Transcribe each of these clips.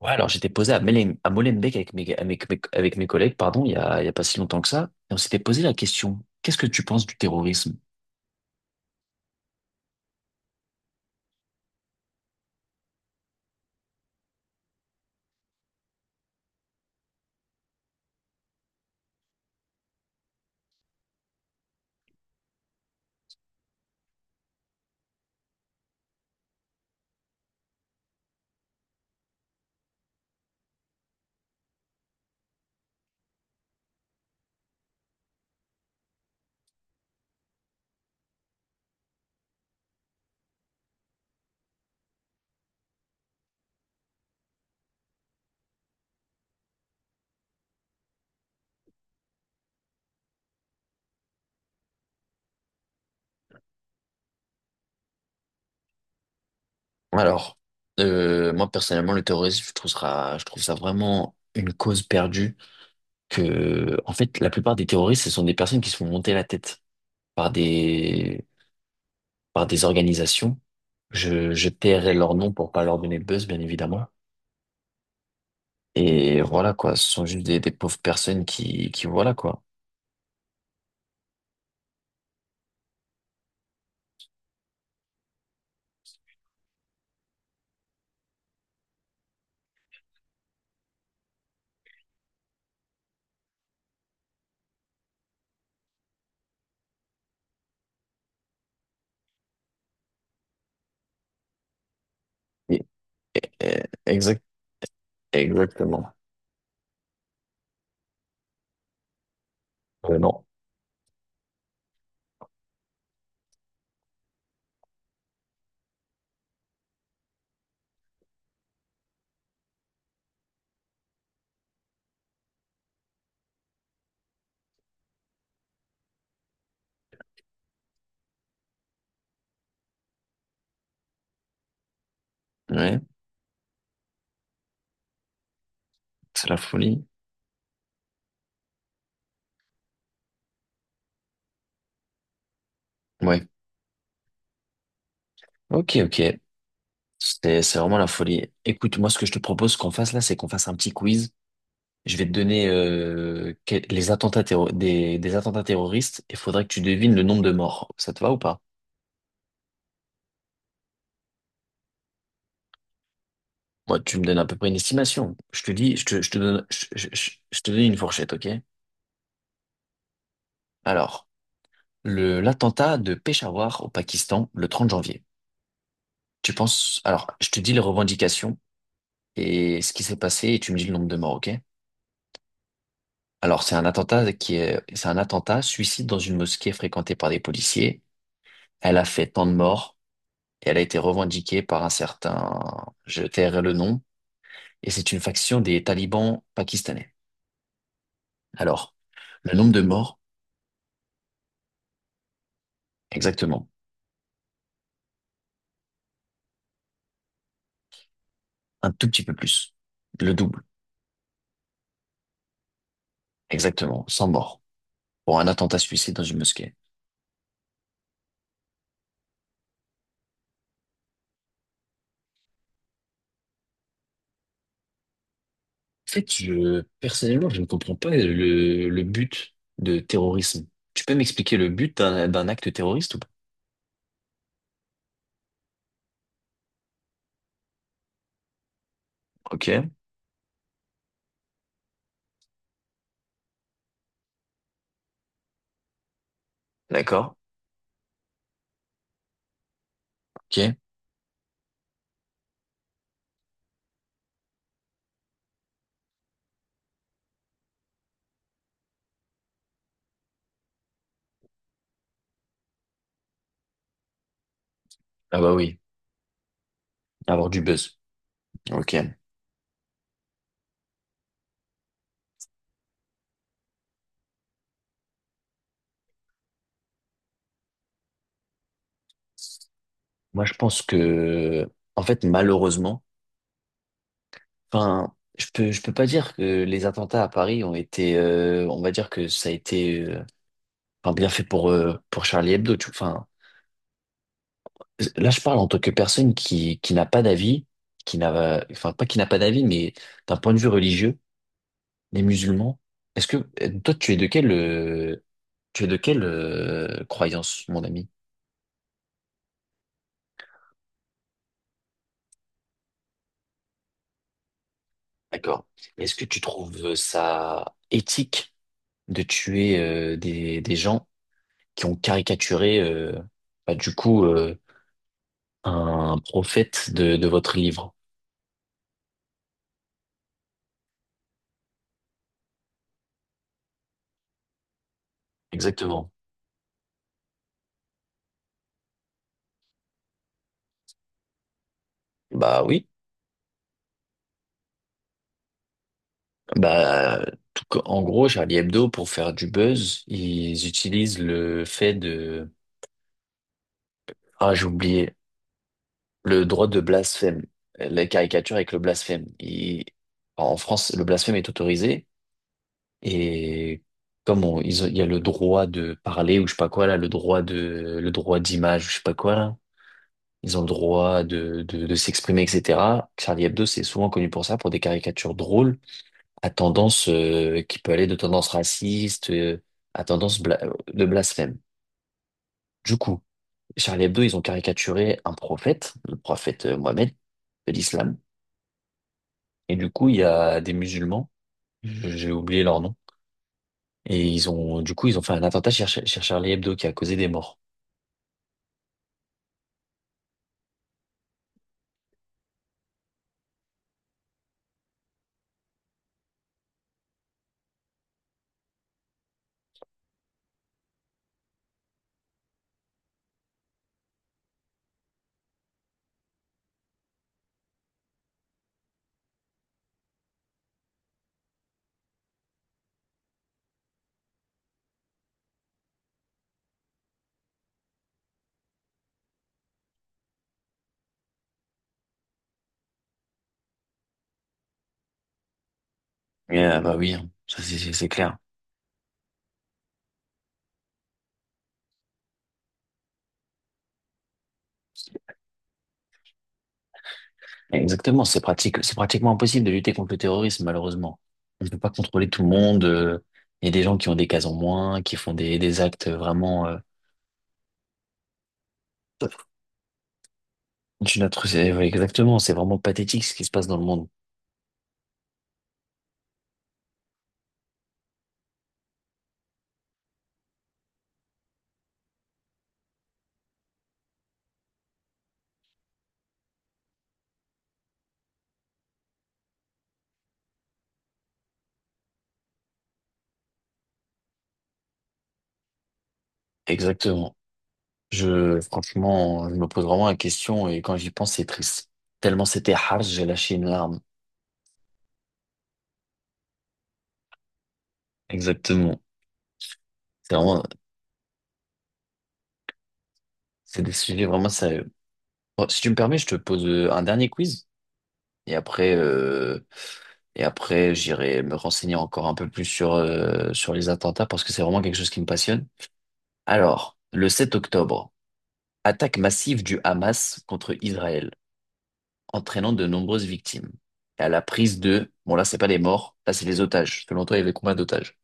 Ouais, alors j'étais posé à Molenbeek avec mes collègues, pardon, il y a pas si longtemps que ça, et on s'était posé la question: qu'est-ce que tu penses du terrorisme? Alors, moi personnellement, le terrorisme, je trouve ça vraiment une cause perdue. Que, en fait, la plupart des terroristes, ce sont des personnes qui se font monter la tête par des, par des organisations. Je tairai leur nom pour pas leur donner le buzz, bien évidemment. Et voilà quoi, ce sont juste des pauvres personnes qui voilà quoi. Et- et- Exact, Exactement. Non. Ouais, c'est la folie. Ouais. Ok, ok. C'est vraiment la folie. Écoute, moi, ce que je te propose qu'on fasse là, c'est qu'on fasse un petit quiz. Je vais te donner que- les attentats terro- des attentats terroristes et il faudrait que tu devines le nombre de morts. Ça te va ou pas? Moi, tu me donnes à peu près une estimation. Je te donne une fourchette, ok? Alors, l'attentat de Peshawar au Pakistan le 30 janvier. Tu penses, alors, je te dis les revendications et ce qui s'est passé et tu me dis le nombre de morts, ok? Alors, c'est un attentat suicide dans une mosquée fréquentée par des policiers. Elle a fait tant de morts et elle a été revendiquée par un certain, je tairai le nom, et c'est une faction des talibans pakistanais. Alors, le nombre de morts, exactement. Un tout petit peu plus. Le double, exactement, sans mort, pour un attentat suicide dans une mosquée. En fait, personnellement, je ne comprends pas le but de terrorisme. Tu peux m'expliquer le but d'un acte terroriste ou pas? Ok, d'accord. Ok. Ah bah oui, avoir du buzz. Ok. Moi, je pense que, en fait, malheureusement, enfin, je peux pas dire que les attentats à Paris ont été, on va dire que ça a été, enfin, bien fait pour Charlie Hebdo. Enfin, là, je parle en tant que personne qui n'a pas d'avis, qui n'a, enfin, pas qui n'a pas d'avis, mais d'un point de vue religieux, les musulmans. Est-ce que, toi, tu es de quelle, croyance, mon ami? D'accord. Est-ce que tu trouves ça éthique de tuer, des gens qui ont caricaturé, bah, du coup, un prophète de votre livre? Exactement. Bah oui. Bah, en gros, Charlie Hebdo, pour faire du buzz, ils utilisent le fait de... Ah, j'ai oublié. Le droit de blasphème. La caricature avec le blasphème. En France, le blasphème est autorisé. Et comme on- ils ont- il y a le droit de parler ou je sais pas quoi, là, le droit d'image ou je sais pas quoi, là. Ils ont le droit de s'exprimer, etc. Charlie Hebdo, c'est souvent connu pour ça, pour des caricatures drôles à tendance, qui peut aller de tendance raciste, à tendance de blasphème. Du coup, Charlie Hebdo, ils ont caricaturé un prophète, le prophète Mohammed de l'islam. Et du coup, il y a des musulmans, j'ai oublié leur nom, et du coup, ils ont fait un attentat chez Charlie Hebdo qui a causé des morts. Bah oui, hein, ça c'est clair. Exactement, c'est pratiquement impossible de lutter contre le terrorisme, malheureusement. On ne peut pas contrôler tout le monde. Il y a des gens qui ont des cases en moins, qui font des actes vraiment. D'une atrocité. Oui, exactement. C'est vraiment pathétique ce qui se passe dans le monde. Exactement. Franchement, je me pose vraiment la question et quand j'y pense, c'est triste. Tellement c'était harsh, j'ai lâché une larme. Exactement. C'est vraiment, c'est des sujets vraiment sérieux. Bon, si tu me permets, je te pose un dernier quiz et après, euh, et après, j'irai me renseigner encore un peu plus sur les attentats parce que c'est vraiment quelque chose qui me passionne. Alors, le 7 octobre, attaque massive du Hamas contre Israël, entraînant de nombreuses victimes. Et à la prise de, bon là, c'est pas les morts, là, c'est les otages. Selon toi, il y avait combien d'otages?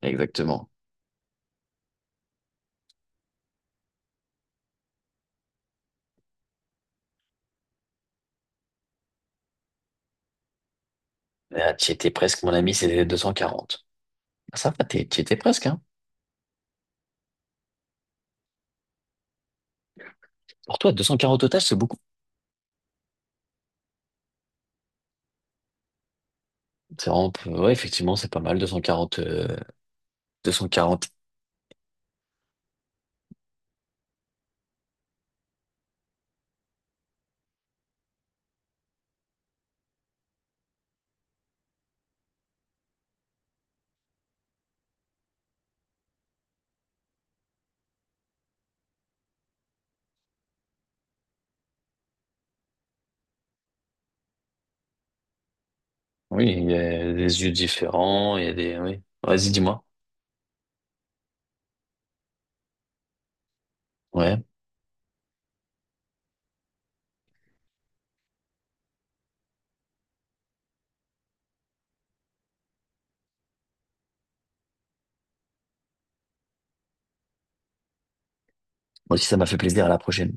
Exactement. Ah, tu étais presque, mon ami, c'était 240. Ah, ça va, tu étais presque, hein. Pour toi, 240 otages, c'est beaucoup. Ouais, effectivement, c'est pas mal, 240, 240. Oui, il y a des yeux différents, il y a des, oui. Vas-y, dis-moi. Ouais. Moi aussi, ça m'a fait plaisir, à la prochaine.